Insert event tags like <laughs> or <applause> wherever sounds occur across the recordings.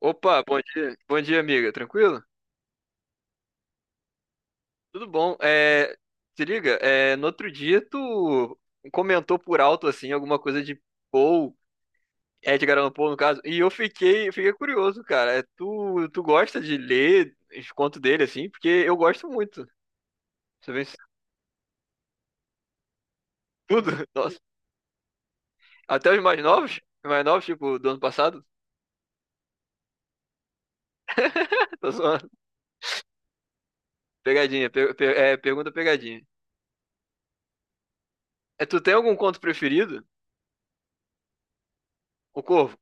Opa, bom dia. Bom dia, amiga. Tranquilo? Tudo bom. Se liga, no outro dia tu comentou por alto, assim, alguma coisa de Poe, Edgar Allan Poe, no caso, e eu fiquei curioso, cara. Tu gosta de ler os contos dele, assim? Porque eu gosto muito. Você vê tudo? <laughs> Nossa. Até os mais novos? Os mais novos, tipo, do ano passado? <laughs> Tô zoando. Pegadinha. Pergunta pegadinha. Tu tem algum conto preferido? O Corvo?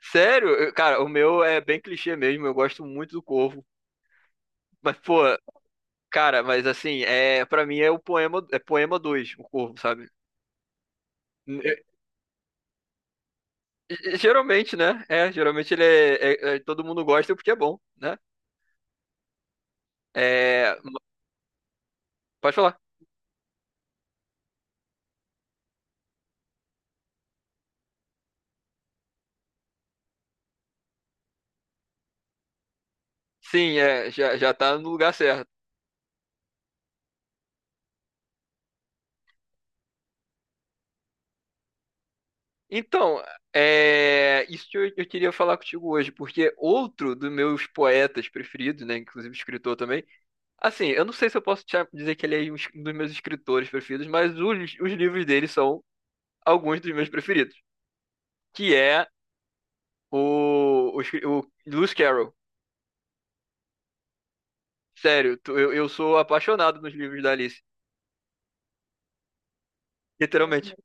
Sério? Cara, o meu é bem clichê mesmo, eu gosto muito do Corvo. Mas, pô, cara, mas assim, para mim é o poema, é poema 2, o Corvo, sabe? É, Geralmente né? Geralmente ele é, todo mundo gosta porque é bom, né? É, pode falar. Sim, já tá no lugar certo. Então, isso que eu queria falar contigo hoje, porque outro dos meus poetas preferidos, né, inclusive escritor também. Assim, eu não sei se eu posso te dizer que ele é um dos meus escritores preferidos, mas os livros dele são alguns dos meus preferidos. Que é o Lewis Carroll. Sério, eu sou apaixonado nos livros da Alice. Literalmente.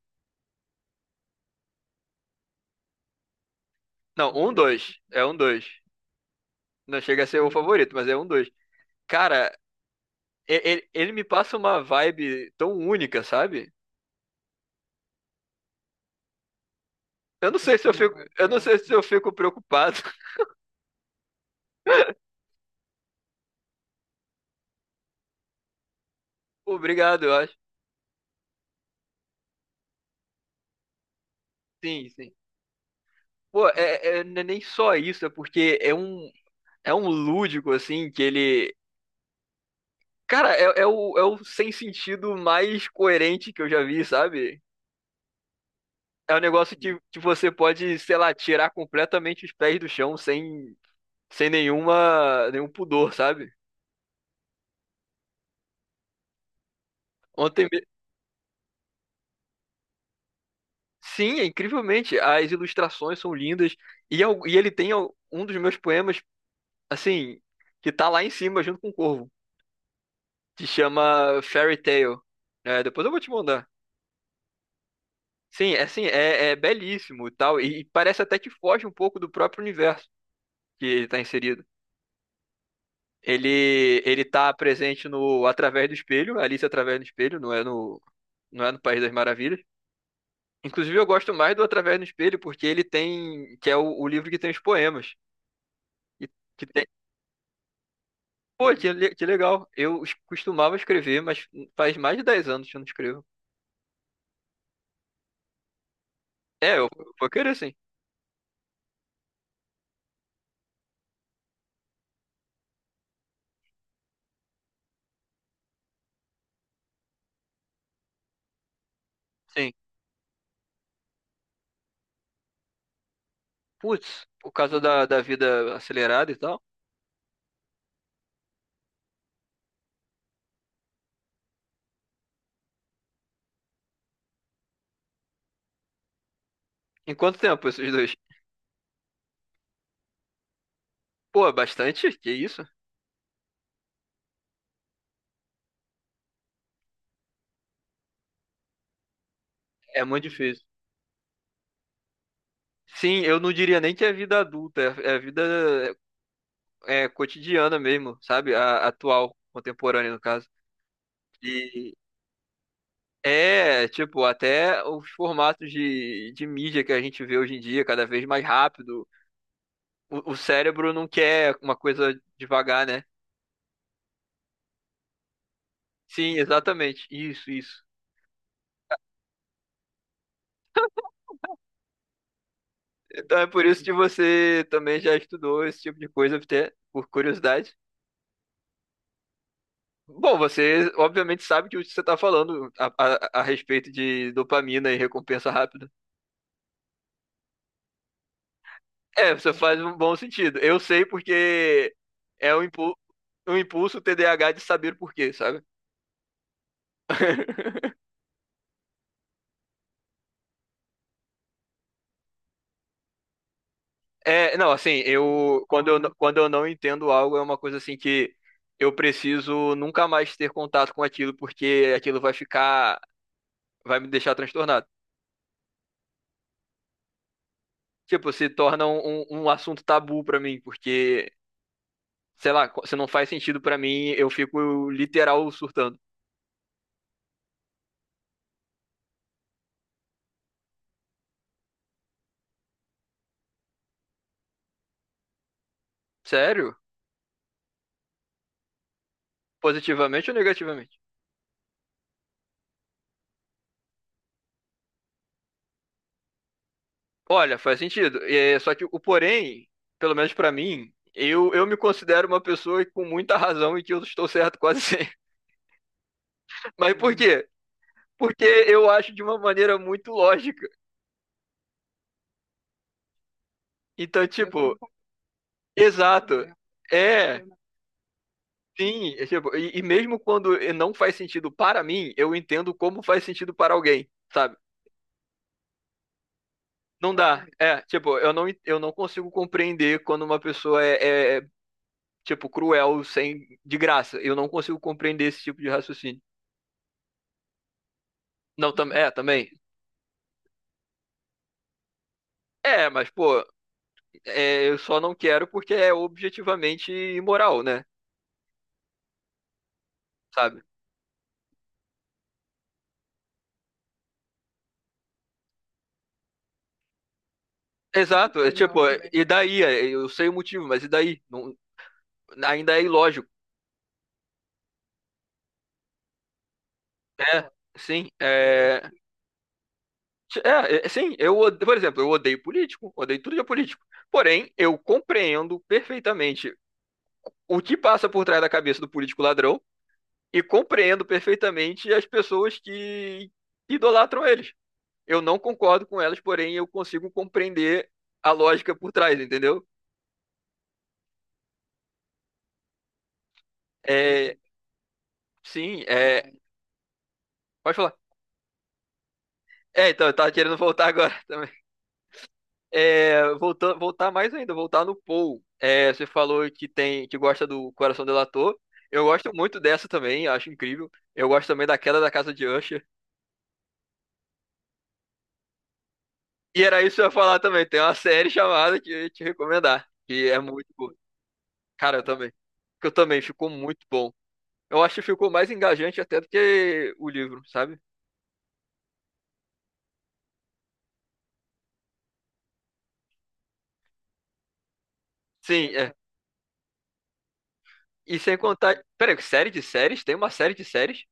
Não, um, dois. É um, dois. Não chega a ser o favorito, mas é um, dois. Cara, ele me passa uma vibe tão única, sabe? Eu não sei se eu fico preocupado. <laughs> Obrigado, eu acho. Sim, sim. Pô, não é nem só isso, é porque é um lúdico, assim, que ele. Cara, é o sem sentido mais coerente que eu já vi, sabe? É um negócio que você pode, sei lá, tirar completamente os pés do chão sem nenhum pudor, sabe? Ontem. Sim, é incrivelmente. As ilustrações são lindas. E, e ele tem um dos meus poemas, assim, que tá lá em cima junto com o Corvo, que chama Fairy Tale. Depois eu vou te mandar. Sim, é assim, é belíssimo e tal, e parece até que foge um pouco do próprio universo que ele está inserido. Ele tá presente no Através do Espelho, Alice através do Espelho, não é no País das Maravilhas. Inclusive eu gosto mais do Através do Espelho porque ele tem que é o livro que tem os poemas e que tem. Pô, que legal. Eu costumava escrever, mas faz mais de 10 anos que eu não escrevo. Eu vou querer sim. Sim. Putz, por causa da vida acelerada e tal. Em quanto tempo esses dois? Pô, é bastante? Que isso? É muito difícil. Sim, eu não diria nem que é vida adulta, é vida é cotidiana mesmo, sabe? Atual, contemporânea, no caso. E é, tipo, até os formatos de mídia que a gente vê hoje em dia, cada vez mais rápido. O cérebro não quer uma coisa devagar, né? Sim, exatamente. Isso, isso. Então é por isso que você também já estudou esse tipo de coisa, até por curiosidade. Bom, você obviamente sabe que o que você está falando a respeito de dopamina e recompensa rápida. Você faz um bom sentido. Eu sei porque é um impulso TDAH de saber por quê, sabe? <laughs> Não, assim, eu quando eu não entendo algo é uma coisa assim que eu preciso nunca mais ter contato com aquilo porque aquilo vai ficar, vai me deixar transtornado. Tipo, se torna um, um assunto tabu pra mim, porque sei lá, se não faz sentido pra mim, eu fico literal surtando. Sério? Positivamente ou negativamente? Olha, faz sentido. Só que o porém, pelo menos pra mim, eu me considero uma pessoa com muita razão e que eu estou certo quase sempre. <laughs> Mas por quê? Porque eu acho de uma maneira muito lógica. Então, tipo, exato, né? É, sim. E mesmo quando não faz sentido para mim, eu entendo como faz sentido para alguém, sabe? Não dá. Tipo, eu não consigo compreender quando uma pessoa tipo, cruel sem, de graça. Eu não consigo compreender esse tipo de raciocínio. Não, também. Mas, pô, eu só não quero porque é objetivamente imoral, né? Sabe? Exato, também, e daí? Eu sei o motivo, mas e daí? Não, ainda é ilógico. É, sim, é, sim, por exemplo, eu odeio político, odeio tudo de político. Porém, eu compreendo perfeitamente o que passa por trás da cabeça do político ladrão e compreendo perfeitamente as pessoas que idolatram eles. Eu não concordo com elas, porém eu consigo compreender a lógica por trás, entendeu? É, sim, é, Pode falar. Então, eu tava querendo voltar agora <laughs> também. Voltar, voltar mais ainda, voltar no Paul. Você falou que gosta do Coração Delator. Eu gosto muito dessa também, acho incrível. Eu gosto também da Queda da Casa de Usher. E era isso que eu ia falar também. Tem uma série chamada que eu ia te recomendar. Que é muito boa. Cara, eu também. Que eu também. Ficou muito bom. Eu acho que ficou mais engajante até do que o livro, sabe? Sim, é. E sem contar. Peraí, série de séries? Tem uma série de séries?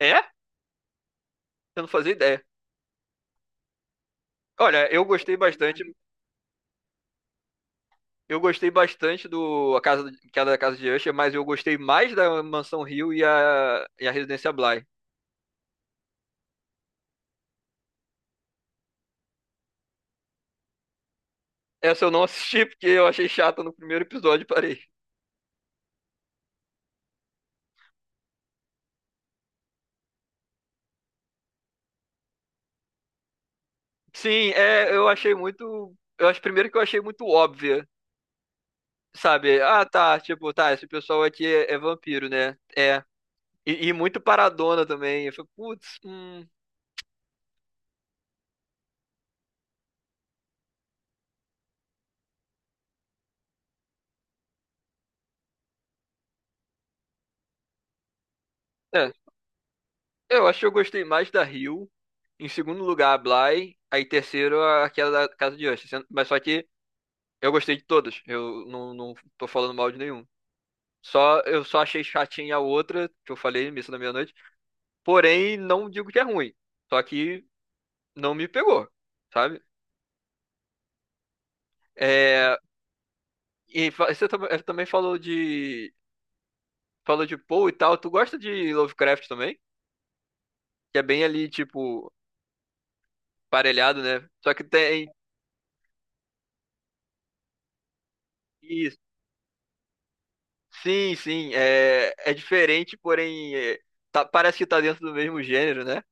É? Eu não fazia ideia. Olha, eu gostei bastante. Eu gostei bastante do A Casa, Queda da Casa de Usher, mas eu gostei mais da Mansão Rio e a Residência Bly. Essa eu não assisti porque eu achei chata no primeiro episódio, e parei. Sim, eu achei muito. Eu acho primeiro que eu achei muito óbvia, sabe? Ah, tá, tipo, tá, esse pessoal aqui é vampiro, né? É. E muito paradona também. Eu falei, putz. É. Eu acho que eu gostei mais da Rio. Em segundo lugar, a Bly. Aí terceiro, aquela da Casa de Usher. Mas só que eu gostei de todas. Eu não tô falando mal de nenhum. Eu só achei chatinha a outra, que eu falei, Missa da Meia-Noite. Porém, não digo que é ruim. Só que não me pegou, sabe? É, você também falou de Poe e tal. Tu gosta de Lovecraft também? Que é bem ali, tipo, parelhado, né? Só que tem isso. Sim, sim, é diferente, porém é, parece que tá dentro do mesmo gênero, né?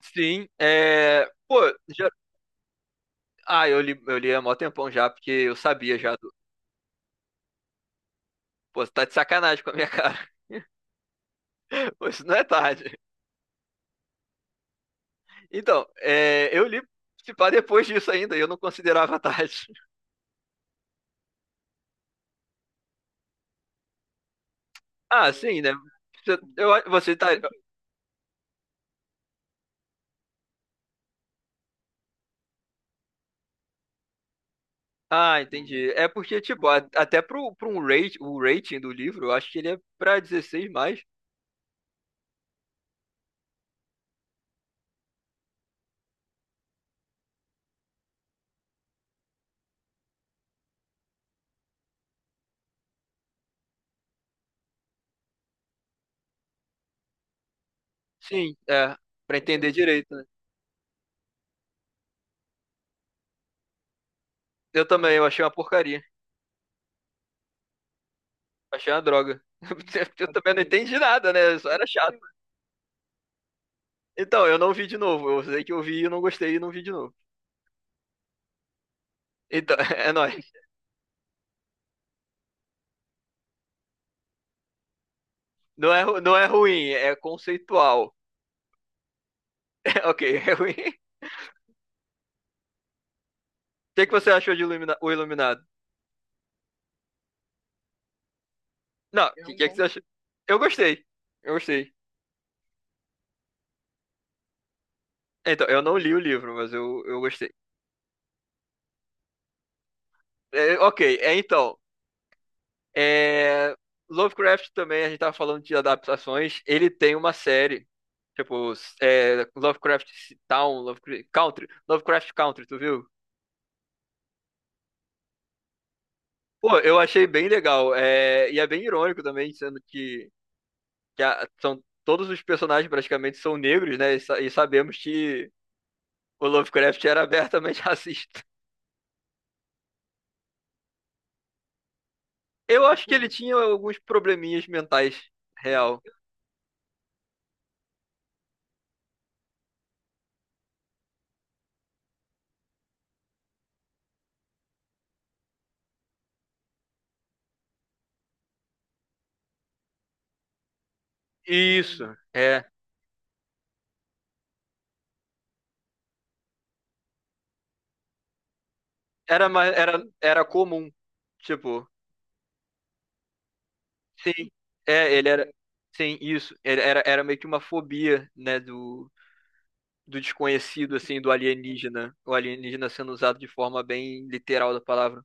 Sim, pô, já- eu li há mó tempão já, porque eu sabia já do. Pô, você tá de sacanagem com a minha cara. <laughs> Pô, isso não é tarde. Então, eu li se pá depois disso ainda, e eu não considerava tarde. Ah, sim, né? Eu, você tá. Ah, entendi. É porque, tipo, até pro um rate, o rating do livro, eu acho que ele é pra 16 mais. Sim, é. Pra entender direito, né? Eu também, eu achei uma porcaria. Achei uma droga. <laughs> Eu também não entendi nada, né? Só era chato. Então, eu não vi de novo. Eu sei que eu vi e não gostei e não vi de novo. Então, <laughs> é nóis. Não é ruim, é conceitual. <laughs> Ok, é ruim. O que é que você achou de O Iluminado? Não, o que é que você achou? Eu gostei. Eu gostei. Então, eu não li o livro, mas eu gostei. É, ok, é, então. é, Lovecraft também, a gente tava falando de adaptações. Ele tem uma série. Tipo, Lovecraft Town, Lovecraft Country. Lovecraft Country, tu viu? Pô, eu achei bem legal. E é bem irônico também, sendo que todos os personagens praticamente são negros, né? E, e sabemos que o Lovecraft era abertamente <laughs> racista. Eu acho que ele tinha alguns probleminhas mentais, real. Isso, é. Era comum. Tipo, sim, ele era. Sim, isso. Ele era meio que uma fobia, né, do desconhecido, assim, do alienígena. O alienígena sendo usado de forma bem literal da palavra.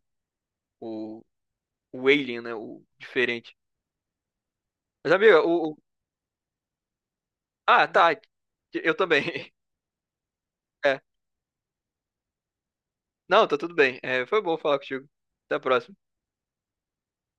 O, o alien, né, o diferente. Mas, amiga. Ah, tá. Eu também. <laughs> É. Não, tá tudo bem. Foi bom falar contigo. Até a próxima.